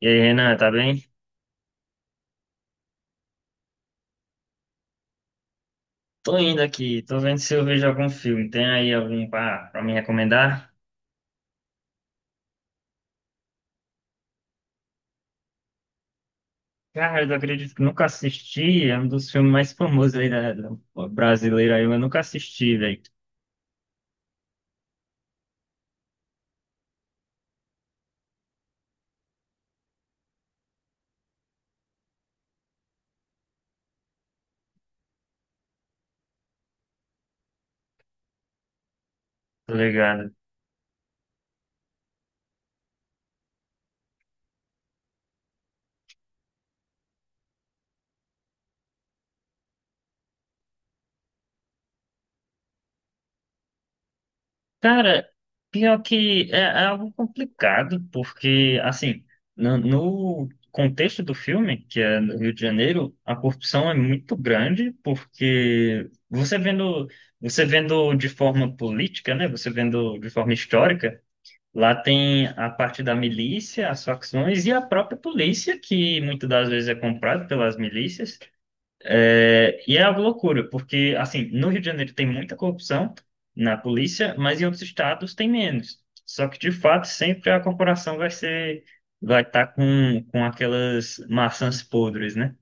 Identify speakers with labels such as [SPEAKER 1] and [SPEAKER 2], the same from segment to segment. [SPEAKER 1] E aí, Renan, tá bem? Tô indo aqui, tô vendo se eu vejo algum filme. Tem aí algum pra me recomendar? Cara, eu acredito que nunca assisti. É um dos filmes mais famosos aí da brasileira aí, mas eu nunca assisti, velho. Tá ligado? Cara, pior que é, é algo complicado, porque, assim, no contexto do filme, que é no Rio de Janeiro, a corrupção é muito grande, porque você vendo de forma política, né? Você vendo de forma histórica. Lá tem a parte da milícia, as facções e a própria polícia, que muitas das vezes é comprada pelas milícias. É, e é uma loucura, porque, assim, no Rio de Janeiro tem muita corrupção na polícia, mas em outros estados tem menos. Só que, de fato, sempre a corporação vai ser, vai estar com aquelas maçãs podres, né?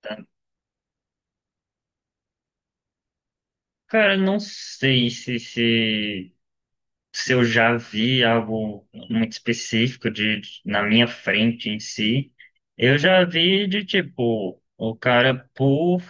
[SPEAKER 1] Tá? Cara, não sei se eu já vi algo muito específico de, na minha frente em si. Eu já vi de tipo, o cara por,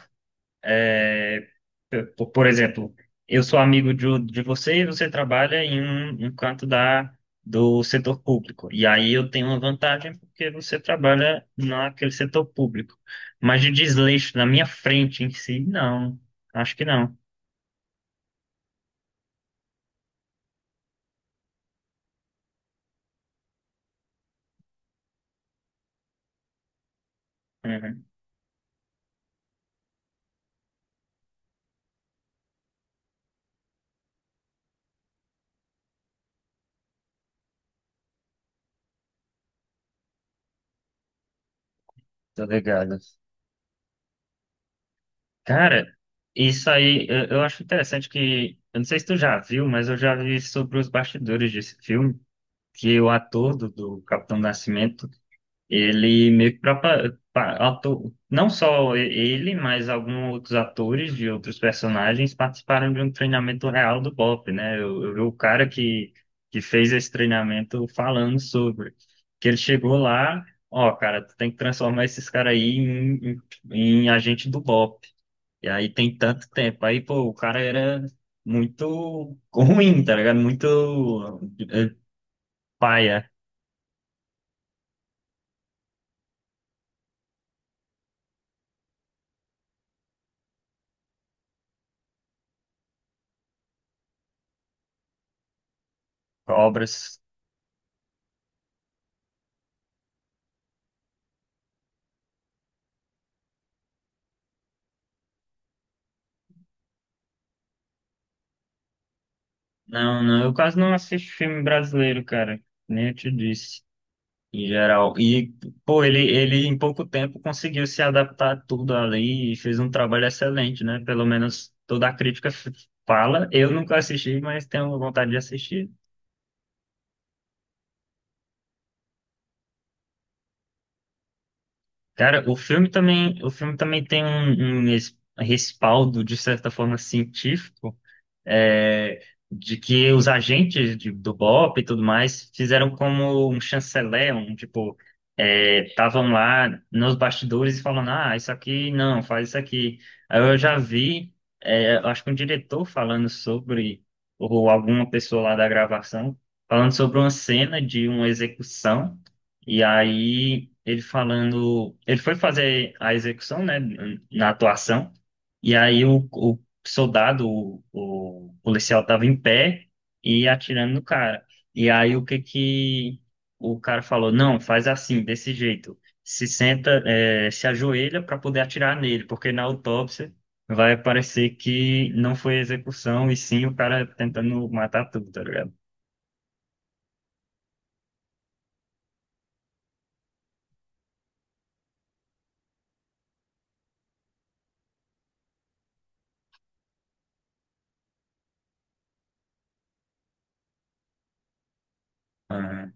[SPEAKER 1] por, por exemplo, eu sou amigo de você e você trabalha em um canto da do setor público. E aí eu tenho uma vantagem porque você trabalha naquele setor público. Mas de desleixo na minha frente em si, não. Acho que não. Uhum, tô ligado. Cara, isso aí, eu acho interessante que, eu não sei se tu já viu, mas eu já vi sobre os bastidores desse filme, que o ator do Capitão Nascimento, ele meio que ator, não só e- ele, mas alguns outros atores de outros personagens participaram de um treinamento real do BOP, né? Eu vi o cara que fez esse treinamento falando sobre, que ele chegou lá, ó, cara, tu tem que transformar esses caras aí em, em agente do BOP. E aí tem tanto tempo. Aí, pô, o cara era muito ruim, tá ligado? Muito eh, paia, obras. Não, não, eu quase não assisto filme brasileiro, cara. Nem eu te disse, em geral. E, pô, ele em pouco tempo conseguiu se adaptar a tudo ali e fez um trabalho excelente, né? Pelo menos toda a crítica fala. Eu nunca assisti, mas tenho vontade de assistir. Cara, o filme também tem um, respaldo, de certa forma, científico é, de que os agentes do BOP e tudo mais fizeram como um chanceler, um tipo, estavam lá nos bastidores falando, ah, isso aqui não, faz isso aqui. Aí eu já vi, é, eu acho que um diretor falando sobre, ou alguma pessoa lá da gravação, falando sobre uma cena de uma execução, e aí ele falando, ele foi fazer a execução, né, na atuação, e aí o soldado, o policial tava em pé e atirando no cara. E aí o que que o cara falou? Não, faz assim, desse jeito. Se senta, é, se ajoelha para poder atirar nele, porque na autópsia vai aparecer que não foi execução e sim o cara tentando matar tudo, tá ligado? Aham.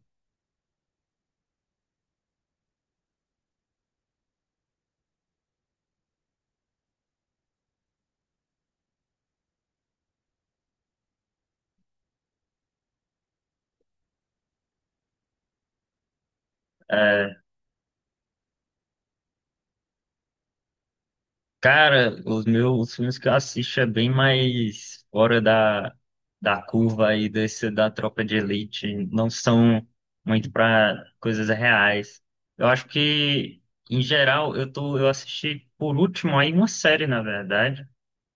[SPEAKER 1] Cara, os meus os filmes que eu assisto é bem mais fora da, da curva aí desse da Tropa de Elite. Não são muito para coisas reais. Eu acho que, em geral, eu tô, eu assisti por último aí uma série, na verdade.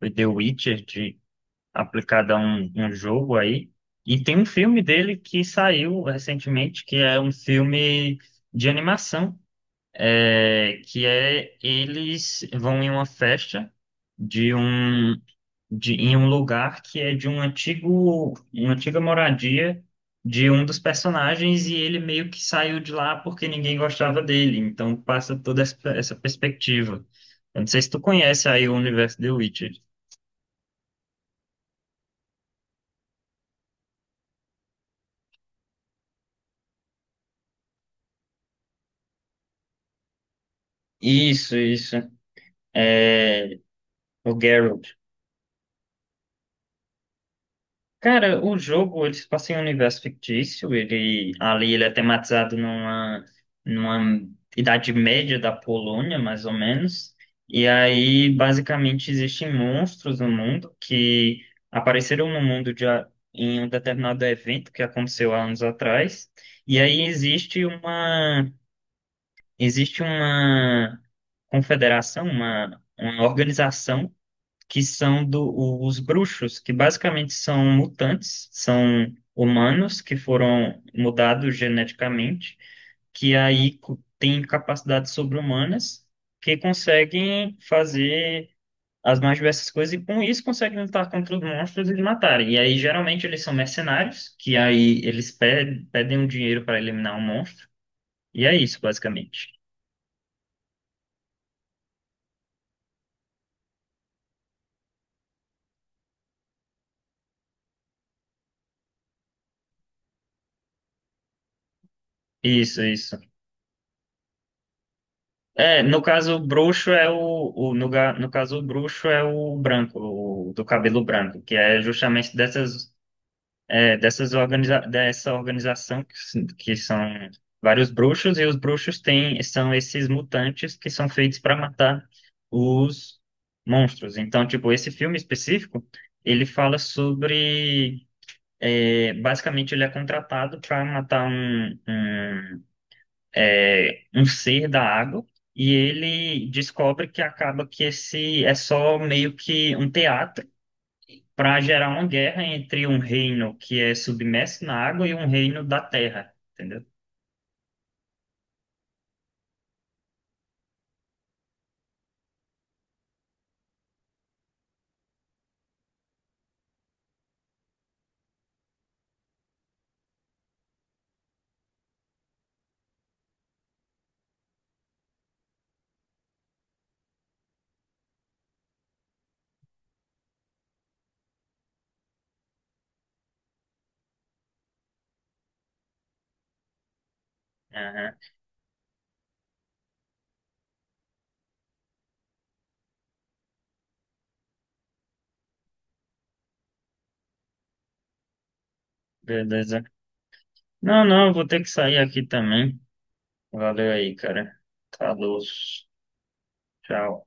[SPEAKER 1] Foi The Witcher, de, aplicada a um, um jogo aí. E tem um filme dele que saiu recentemente, que é um filme de animação é, que é eles vão em uma festa de um de, em um lugar que é de um antigo uma antiga moradia de um dos personagens e ele meio que saiu de lá porque ninguém gostava dele. Então passa toda essa perspectiva. Eu não sei se tu conhece aí o universo The Witcher. Isso, isso. É, o Geralt. Cara, o jogo, ele se passa em um universo fictício, ele ali ele é tematizado numa, numa idade média da Polônia, mais ou menos. E aí, basicamente, existem monstros no mundo que apareceram no mundo de, em um determinado evento que aconteceu há anos atrás. E aí existe uma confederação, uma organização que são do, os bruxos, que basicamente são mutantes, são humanos que foram mudados geneticamente, que aí têm capacidades sobre-humanas, que conseguem fazer as mais diversas coisas e com isso conseguem lutar contra os monstros e os matarem. E aí geralmente eles são mercenários, que aí eles pedem, pedem um dinheiro para eliminar um monstro. E é isso, basicamente. Isso, isso. É, no caso, o bruxo é o, no caso, o bruxo é o branco, o do cabelo branco, que é justamente dessas, é, dessa organização que são vários bruxos, e os bruxos têm, são esses mutantes que são feitos para matar os monstros. Então, tipo, esse filme específico, ele fala sobre, é, basicamente, ele é contratado para matar um um ser da água e ele descobre que acaba que esse é só meio que um teatro para gerar uma guerra entre um reino que é submerso na água e um reino da terra, entendeu? Aham, beleza. Não, não, eu vou ter que sair aqui também. Valeu aí, cara. Falou. Tchau.